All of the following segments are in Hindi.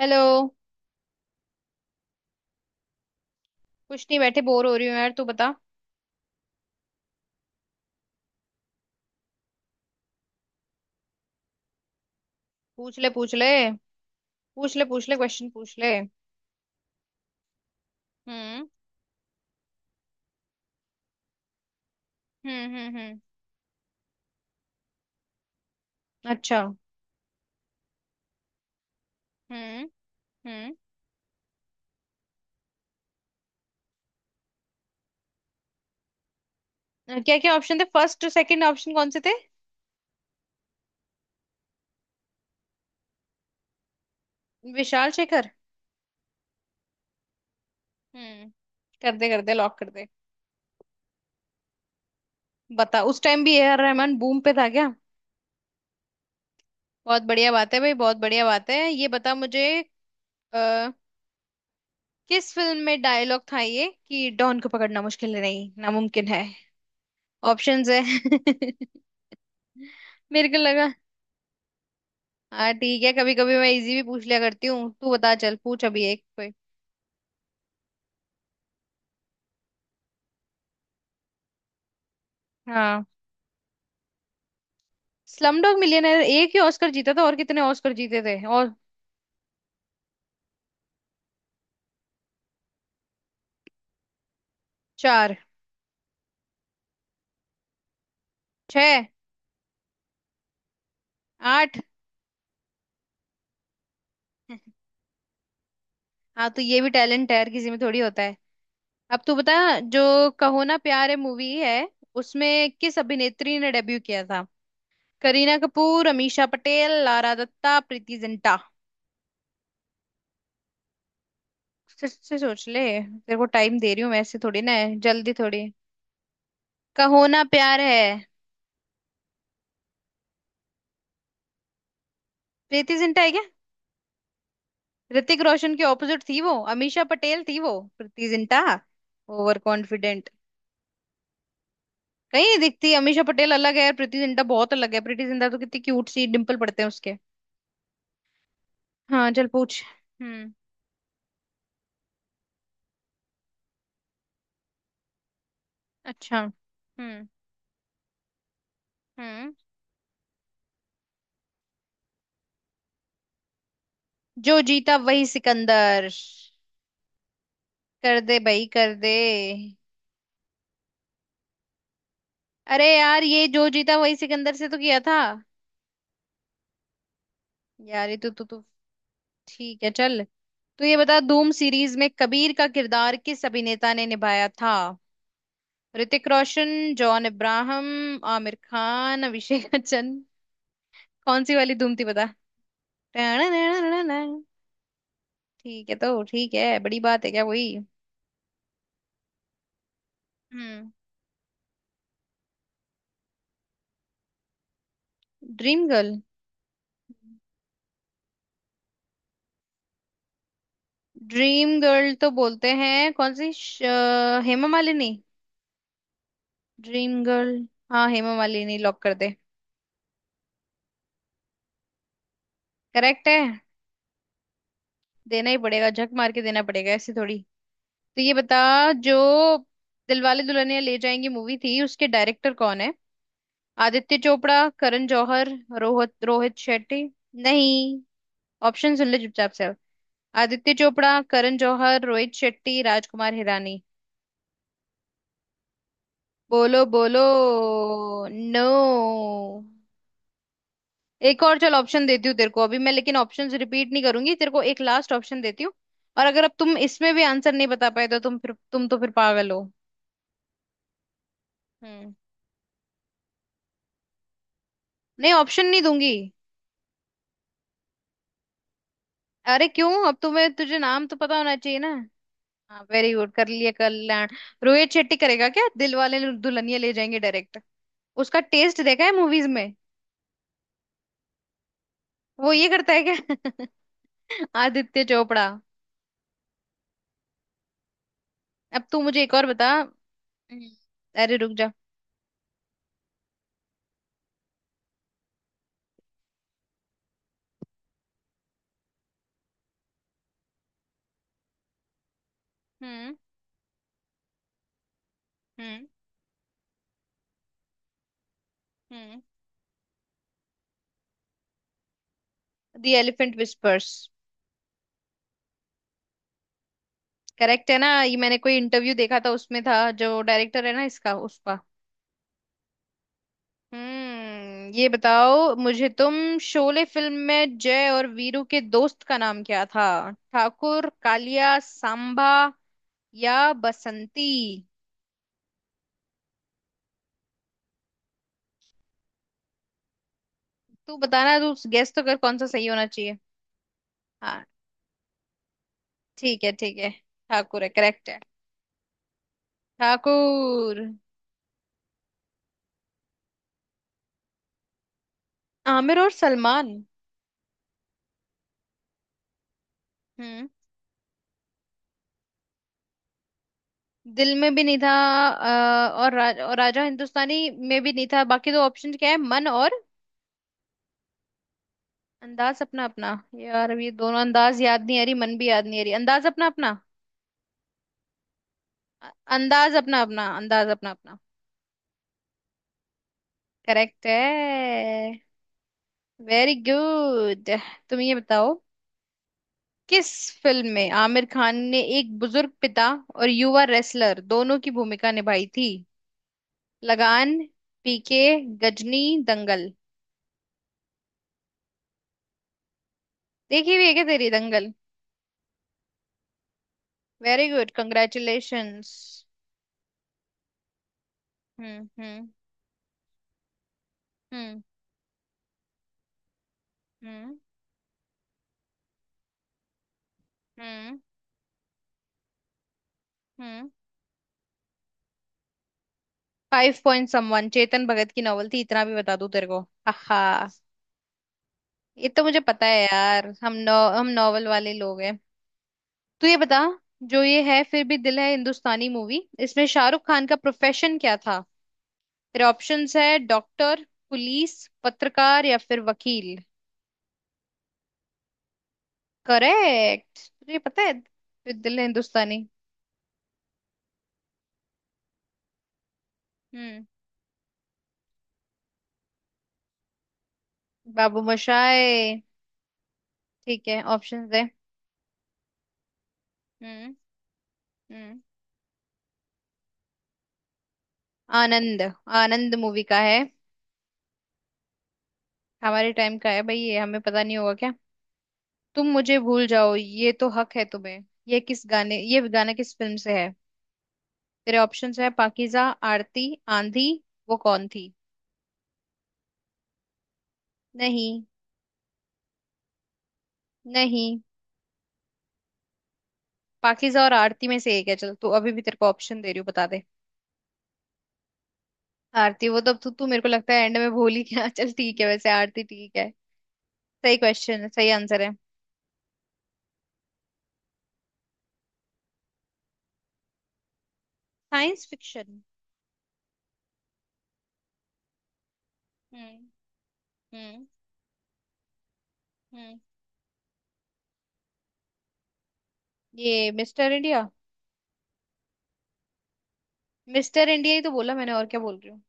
हेलो। कुछ नहीं, बैठे बोर हो रही हूँ यार, तू बता। पूछ ले पूछ ले। पूछ ले पूछ ले क्वेश्चन पूछ ले। हम्म, हम्म, हम्म, हम्म। अच्छा। हम्म, हम्म। क्या क्या ऑप्शन थे? फर्स्ट सेकंड ऑप्शन कौन से थे? विशाल शेखर। हम्म। कर दे, कर दे, लॉक कर दे। बता, उस टाइम भी ए आर रहमान बूम पे था क्या? बहुत बढ़िया बात है भाई, बहुत बढ़िया बात है। ये बता मुझे। आ, किस फिल्म में डायलॉग था ये, कि डॉन को पकड़ना मुश्किल नहीं, नामुमकिन है? ऑप्शंस है। मेरे को लगा। हाँ ठीक है, कभी कभी मैं इजी भी पूछ लिया करती हूँ। तू बता, चल पूछ अभी एक कोई। हाँ। स्लम डॉग मिलियनेयर एक ही ऑस्कर जीता था, और कितने ऑस्कर जीते थे और? चार। छह। आठ। हाँ तो ये भी टैलेंट है, हर किसी में थोड़ी होता है। अब तू बता, जो कहो ना प्यार है मूवी है, उसमें किस अभिनेत्री ने डेब्यू किया था? करीना कपूर, अमीषा पटेल, लारा दत्ता, प्रीति जिंटा। फिर से सोच ले, तेरे को टाइम दे रही हूँ मैं, ऐसे थोड़ी ना है, जल्दी थोड़ी। कहो ना प्यार है। प्रीति जिंटा है क्या? ऋतिक रोशन के ऑपोजिट थी वो, अमीषा पटेल थी वो। प्रीति जिंटा? Overconfident. कहीं नहीं दिखती। अमीषा पटेल अलग है, प्रीति जिंटा बहुत अलग है। प्रीति जिंटा तो कितनी क्यूट सी, डिम्पल पड़ते हैं उसके। हाँ चल पूछ। हम्म। अच्छा। हम्म, हम्म। जो जीता वही सिकंदर। कर दे भाई, कर दे। अरे यार, ये जो जीता वही सिकंदर से तो किया था। यार ये तो, तू तो। ठीक है चल। तो ये बता, धूम सीरीज में कबीर का किरदार किस अभिनेता ने निभाया था? ऋतिक रोशन, जॉन इब्राहम, आमिर खान, अभिषेक बच्चन। कौन सी वाली धूम थी बता? ठीक है तो ठीक है, बड़ी बात है क्या कोई? हम्म। Dream girl? ड्रीम गर्ल तो बोलते हैं, कौन सी हेमा मालिनी। Dream girl. हाँ हेमा मालिनी, लॉक कर दे। करेक्ट है। देना ही पड़ेगा, झक मार के देना पड़ेगा, ऐसे थोड़ी। तो ये बता, जो दिलवाले दुल्हनिया ले जाएंगे मूवी थी उसके डायरेक्टर कौन है? आदित्य चोपड़ा, करण जौहर, रोहित रोहित शेट्टी। नहीं, ऑप्शन सुन ले चुपचाप से अब। आदित्य चोपड़ा, करण जौहर, रोहित शेट्टी, राजकुमार हिरानी। बोलो बोलो। नो। एक और चल, ऑप्शन देती हूँ तेरे को अभी मैं, लेकिन ऑप्शंस रिपीट नहीं करूंगी। तेरे को एक लास्ट ऑप्शन देती हूँ। और अगर अब तुम इसमें भी आंसर नहीं बता पाए, तो तुम फिर, तुम तो फिर पागल हो। हम्म। नहीं, ऑप्शन नहीं दूंगी। अरे क्यों, अब तुम्हें तुझे नाम तो पता होना चाहिए ना। हाँ वेरी गुड, कर लिए कल्याण। रोहित शेट्टी करेगा क्या दिल वाले दुल्हनिया ले जाएंगे डायरेक्ट? उसका टेस्ट देखा है मूवीज में। वो ये करता है क्या? आदित्य चोपड़ा। अब तू मुझे एक और बता। हम्म। अरे रुक जा। हम्म, हम्म, हम्म। The elephant whispers. करेक्ट है ना ये? मैंने कोई इंटरव्यू देखा था, उसमें था जो डायरेक्टर है ना इसका, उसका। हम्म। ये बताओ मुझे तुम। शोले फिल्म में जय और वीरू के दोस्त का नाम क्या था? ठाकुर, कालिया, सांबा या बसंती? तू बताना, तू गेस तो कर, कौन सा सही होना चाहिए। हाँ। ठीक है, ठीक है। ठाकुर है, करेक्ट है। ठाकुर। आमिर और सलमान। हम्म। दिल में भी नहीं था। और राजा हिंदुस्तानी में भी नहीं था, बाकी दो ऑप्शन क्या है, मन और? अंदाज अपना अपना। यार अब ये दोनों, अंदाज याद नहीं आ रही, मन भी याद नहीं आ रही। अंदाज अपना अपना। अंदाज अपना अपना, अंदाज अपना अपना। करेक्ट है, वेरी गुड। तुम ये बताओ, किस फिल्म में आमिर खान ने एक बुजुर्ग पिता और युवा रेसलर दोनों की भूमिका निभाई थी? लगान, पीके, गजनी, दंगल। देखी हुई है क्या तेरी दंगल? Very good, congratulations. हम्म, हम्म, हम्म, हम्म, हम्म, हम्म। Five point someone Chetan Bhagat की नॉवल थी, इतना भी बता दूं तेरे को। आहा। ये तो मुझे पता है यार। हम नॉवल वाले लोग हैं। तू ये बता, जो ये है फिर भी दिल है हिंदुस्तानी मूवी, इसमें शाहरुख खान का प्रोफेशन क्या था? तेरे ऑप्शंस है डॉक्टर, पुलिस, पत्रकार या फिर वकील। करेक्ट, तुझे पता है फिर दिल हिंदुस्तानी। हम्म। बाबू मोशाय। ठीक है, ऑप्शंस दे। हम्म, हम्म। आनंद। आनंद मूवी का है। हमारे टाइम का है भाई, ये हमें पता नहीं होगा क्या? तुम मुझे भूल जाओ, ये तो हक है तुम्हें। ये गाना किस फिल्म से है? तेरे ऑप्शंस है पाकीज़ा, आरती, आंधी, वो कौन थी। नहीं, नहीं। पाकीज़ा और आरती में से एक है, चल तू अभी भी तेरे को ऑप्शन दे रही हूँ, बता दे। आरती। वो तो, तू तू मेरे को लगता है एंड में भूल ही गया। चल ठीक है, वैसे आरती ठीक है। सही क्वेश्चन है, सही आंसर है। Science fiction. हम्म, हम्म, हम्म। ये मिस्टर इंडिया। मिस्टर इंडिया ही तो बोला मैंने, और क्या बोल रही हूँ?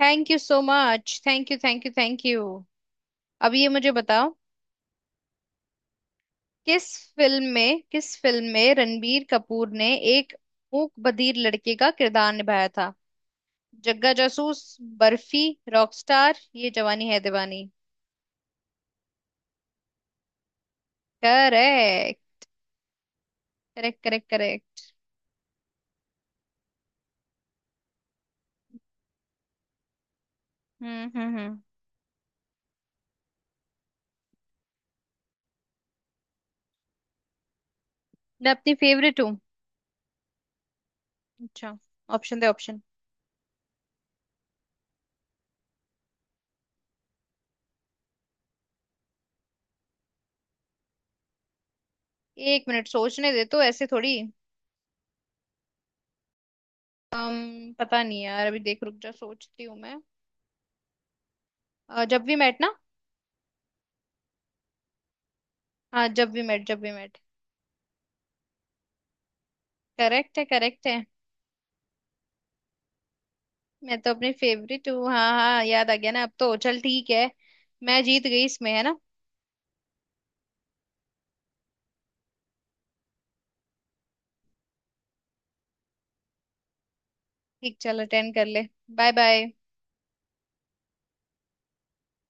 Thank you so much, thank you, thank you, thank you. अब ये मुझे बताओ। किस किस फिल्म में रणबीर कपूर ने एक मूक बधिर लड़के का किरदार निभाया था? जग्गा जासूस, बर्फी, रॉकस्टार, ये Jawaani Hai Deewani. Correct, correct, correct, correct. हम्म, हम्म, हम्म। मैं अपनी फेवरेट हूँ? अच्छा, ऑप्शन दे, ऑप्शन। एक मिनट सोचने दे, तो ऐसे थोड़ी। अम पता नहीं यार, अभी देख रुक जा, सोचती हूँ मैं। जब भी मैट ना। हाँ जब भी मैट, जब भी मैट। करेक्ट है, करेक्ट है। मैं तो अपनी फेवरेट हूँ, हाँ हाँ, याद आ गया ना, अब तो चल ठीक है। मैं जीत गई इसमें, है ना? ठीक, चल अटेंड कर ले। Bye bye.